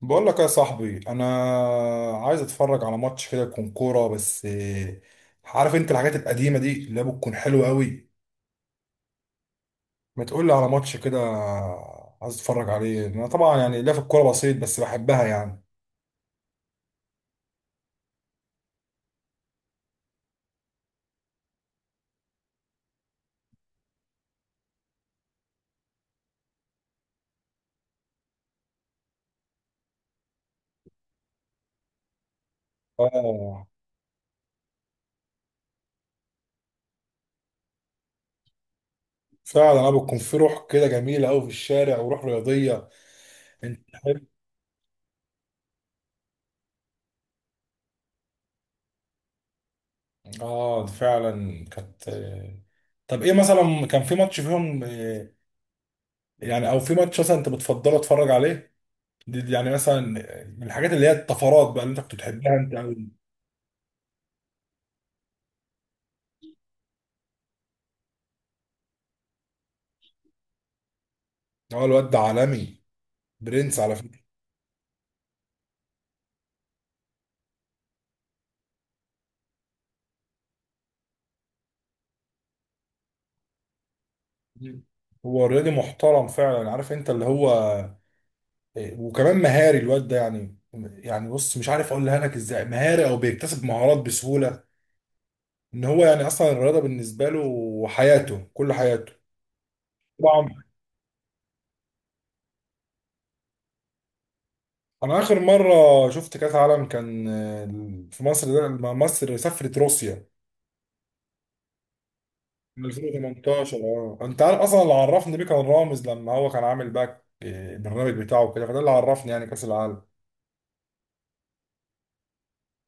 بقول لك يا صاحبي انا عايز اتفرج على ماتش كده يكون كوره بس عارف انت الحاجات القديمه دي اللي هي بتكون حلوه قوي. ما تقول لي على ماتش كده عايز اتفرج عليه انا طبعا، يعني لا في الكوره بسيط بس بحبها يعني. اه فعلا، انا بتكون في روح كده جميله قوي في الشارع وروح رياضيه. انت تحب. اه فعلا كانت طب ايه مثلا كان في ماتش فيهم؟ يعني او في ماتش مثلا انت بتفضله اتفرج عليه؟ دي يعني مثلا من الحاجات اللي هي الطفرات بقى اللي انت كنت بتحبها انت قوي. هو الواد ده عالمي، برنس على فكره. مم. هو رياضي محترم فعلا، عارف انت اللي هو وكمان مهاري الواد ده يعني. يعني بص، مش عارف اقولها لك ازاي، مهاري او بيكتسب مهارات بسهوله. ان هو يعني اصلا الرياضه بالنسبه له حياته، كل حياته. طبعا. انا اخر مره شفت كاس عالم كان في مصر، ده لما مصر سافرت روسيا. من 2018، اه انت عارف اصلا اللي عرفني بيه كان رامز، لما هو كان عامل باك البرنامج بتاعه كده، فده اللي عرفني يعني كاس العالم.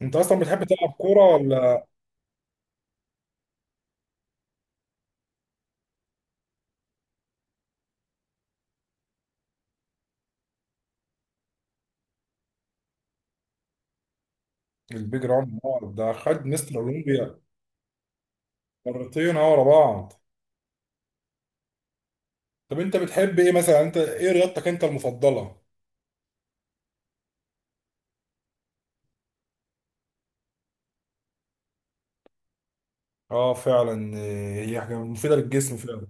انت اصلا بتحب تلعب كوره ولا؟ البيج راوند ده خد مستر اولمبيا مرتين. اه ورا بعض. طب انت بتحب ايه مثلا؟ انت ايه رياضتك انت المفضله؟ اه فعلا، هي حاجه مفيده للجسم فعلا.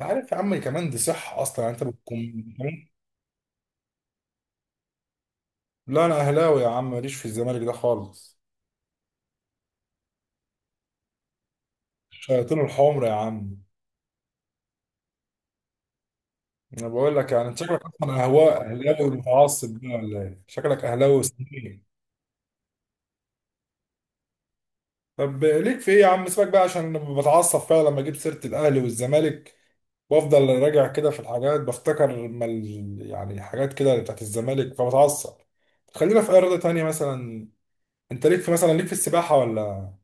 انت عارف يا عم، كمان دي صحه اصلا يعني انت بتكون. لا انا اهلاوي يا عم، ماليش في الزمالك ده خالص. الشياطين الحمر يا عم. انا بقول لك، يعني انت شكلك اصلا اهواء اهلاوي متعصب بقى ولا ايه؟ شكلك اهلاوي سنين. طب ليك في ايه يا عم؟ سيبك بقى، عشان بتعصب فعلا لما اجيب سيره الاهلي والزمالك، وافضل راجع كده في الحاجات بفتكر لما يعني حاجات كده بتاعت الزمالك فبتعصب. خلينا في اي رياضه تانيه مثلا. انت ليك في مثلا، ليك في السباحه ولا؟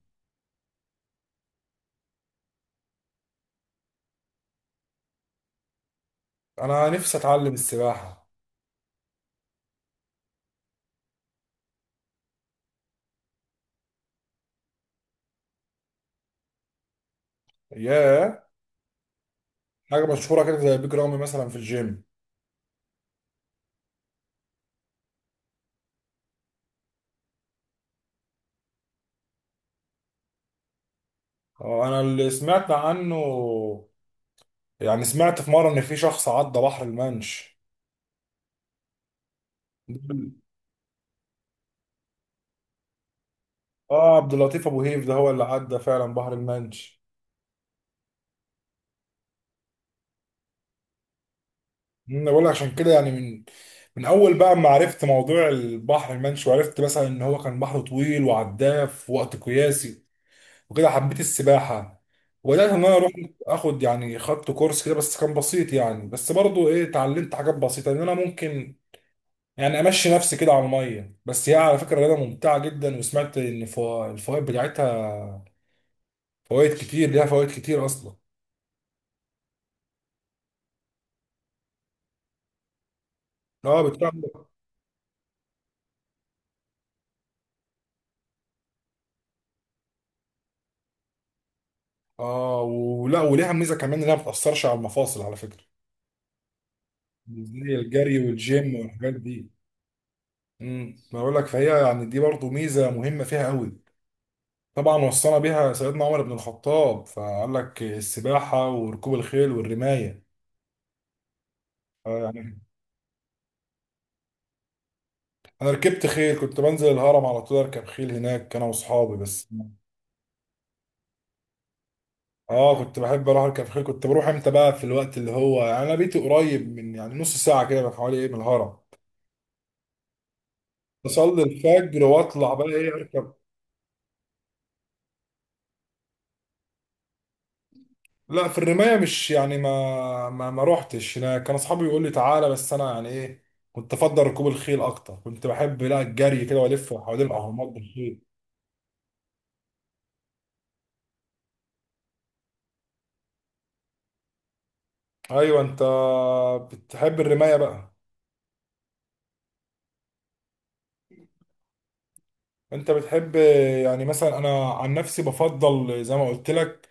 انا نفسي اتعلم السباحه. ياه، حاجه مشهوره كده زي بيج رامي مثلا في الجيم. اه انا اللي سمعت عنه، يعني سمعت في مرة إن في شخص عدى بحر المنش. اه، عبد اللطيف أبو هيف ده هو اللي عدى فعلا بحر المنش. أنا بقول لك عشان كده، يعني من من أول بقى ما عرفت موضوع البحر المنش، وعرفت مثلا إن هو كان بحر طويل وعداه في وقت قياسي، وكده حبيت السباحة، وبدأت إن أنا أروح آخد، يعني خدت كورس كده بس كان بسيط يعني. بس برضه إيه، اتعلمت حاجات بسيطة إن أنا ممكن يعني امشي نفسي كده على الميه. بس هي على فكره رياضه ممتعه جدا، وسمعت ان الفوائد بتاعتها فوائد كتير، ليها فوائد كتير اصلا. اه بتعمل. اه، ولا وليها ميزه كمان انها ما بتاثرش على المفاصل على فكره، زي الجري والجيم والحاجات دي. ما بقول لك، فهي يعني دي برضو ميزه مهمه فيها قوي. طبعا وصانا بيها سيدنا عمر بن الخطاب فقال لك السباحه وركوب الخيل والرمايه. آه يعني. انا ركبت خيل، كنت بنزل الهرم على طول اركب خيل هناك انا واصحابي بس. اه كنت بحب اروح اركب خيل، كنت بروح امتى بقى في الوقت اللي هو، يعني انا بيتي قريب من، يعني نص ساعه كده حوالي ايه من الهرم. اصلي الفجر واطلع بقى ايه اركب. لا في الرمايه مش يعني ما روحتش انا، كان اصحابي يقول لي تعالى بس انا يعني ايه. كنت افضل ركوب الخيل اكتر، كنت بحب لا الجري كده والف حوالين الاهرامات بالخيل. ايوه انت بتحب الرمايه بقى؟ انت بتحب يعني مثلا؟ انا عن نفسي بفضل زي ما قلت لك،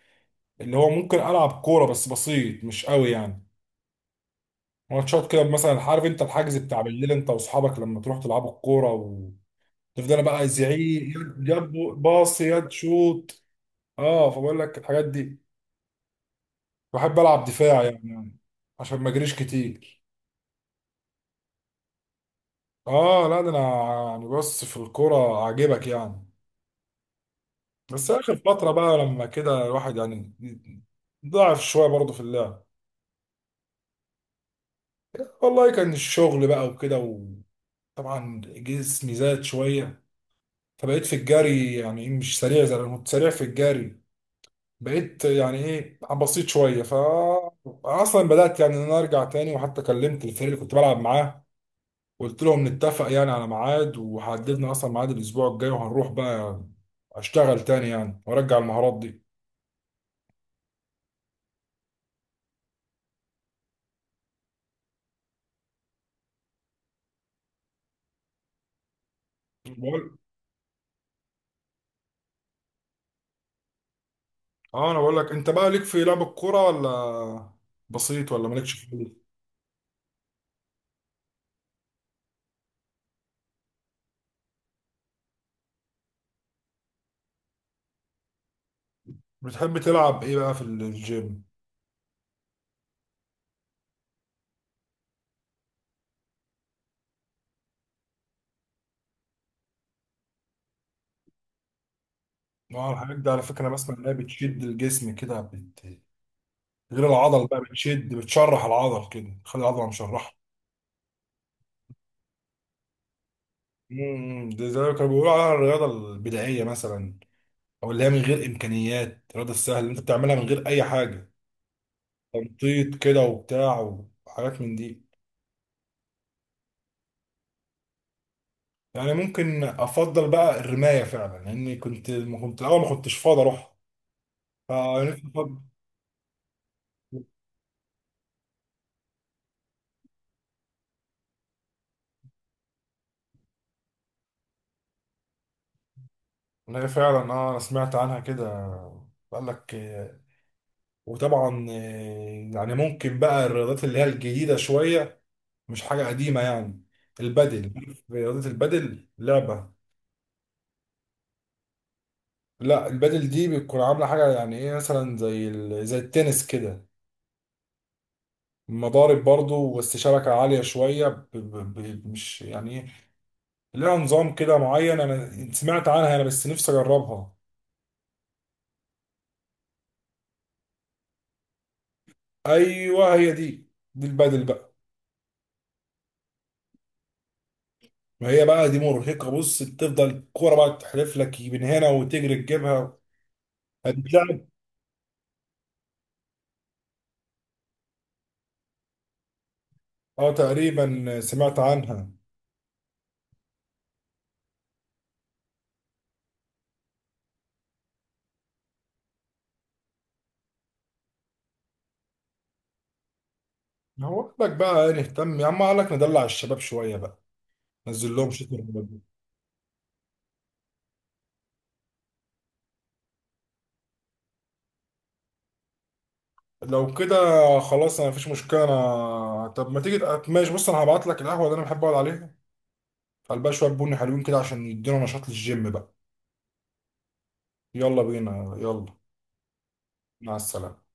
اللي هو ممكن العب كوره بس بسيط مش قوي يعني. ماتشات كده مثلا، عارف انت الحجز بتاع بالليل انت واصحابك لما تروح تلعبوا الكوره، تفضل بقى عايز يعيد يد باص يد شوط. اه فبقول لك الحاجات دي، بحب العب دفاع يعني عشان ما اجريش كتير. اه لا ده انا يعني. بص في الكوره عاجبك يعني، بس اخر فتره بقى لما كده الواحد يعني ضعف شويه برضه في اللعب. والله كان الشغل بقى وكده، وطبعا جسمي زاد شويه، فبقيت في الجري يعني مش سريع زي انا كنت سريع في الجري. بقيت يعني ايه بسيط شويه ف اصلا بدات يعني ان انا ارجع تاني، وحتى كلمت الفريق اللي كنت بلعب معاه، قلت لهم نتفق يعني على ميعاد، وحددنا اصلا ميعاد الاسبوع الجاي وهنروح بقى اشتغل تاني يعني وارجع المهارات دي. بقول. اه انا بقول لك، انت بقى ليك في لعب الكوره ولا بسيط ولا مالكش فيه؟ بتحب تلعب ايه بقى في الجيم؟ اه الحاجات دي على فكره انا بسمع انها بتشد الجسم كده، بت، غير العضل بقى بتشد، بتشرح العضل كده، تخلي العضله مشرحه. ده زي ما كانوا بيقولوا عليها الرياضه البدائيه مثلا، او اللي هي من غير امكانيات، الرياضه السهله اللي انت بتعملها من غير اي حاجه، تنطيط كده وبتاع وحاجات من دي. يعني ممكن افضل بقى الرمايه فعلا، لاني كنت ما كنت الاول، ما كنتش فاضي اروح، فنفسي افضل. إن هي فعلا، اه انا سمعت عنها كده، قال لك وطبعا يعني ممكن بقى الرياضات اللي هي الجديده شويه مش حاجه قديمه يعني، البدل، رياضه البدل لعبه. لا البادل دي بتكون عاملة حاجة يعني ايه مثلا، زي ال، زي التنس كده، مضارب برضو بس شبكة عالية شوية، مش يعني ايه، لها نظام كده معين انا سمعت عنها انا، بس نفسي اجربها. ايوه هي دي، دي البادل بقى. ما هي بقى دي مرهقة، بص بتفضل الكورة بقى تحلف لك من هنا وتجري تجيبها. هتتلعب. اه تقريبا سمعت عنها. هو قال لك بقى نهتم يا عم، قال لك ندلع الشباب شوية بقى، نزل لهم شوية. لو كده خلاص انا مفيش مشكله انا. طب ما تيجي ماشي، بص انا هبعت لك القهوه اللي انا بحب اقعد عليها، قلبها شويه بني حلوين كده عشان يدينا نشاط للجيم بقى. يلا بينا يلا. مع السلامه.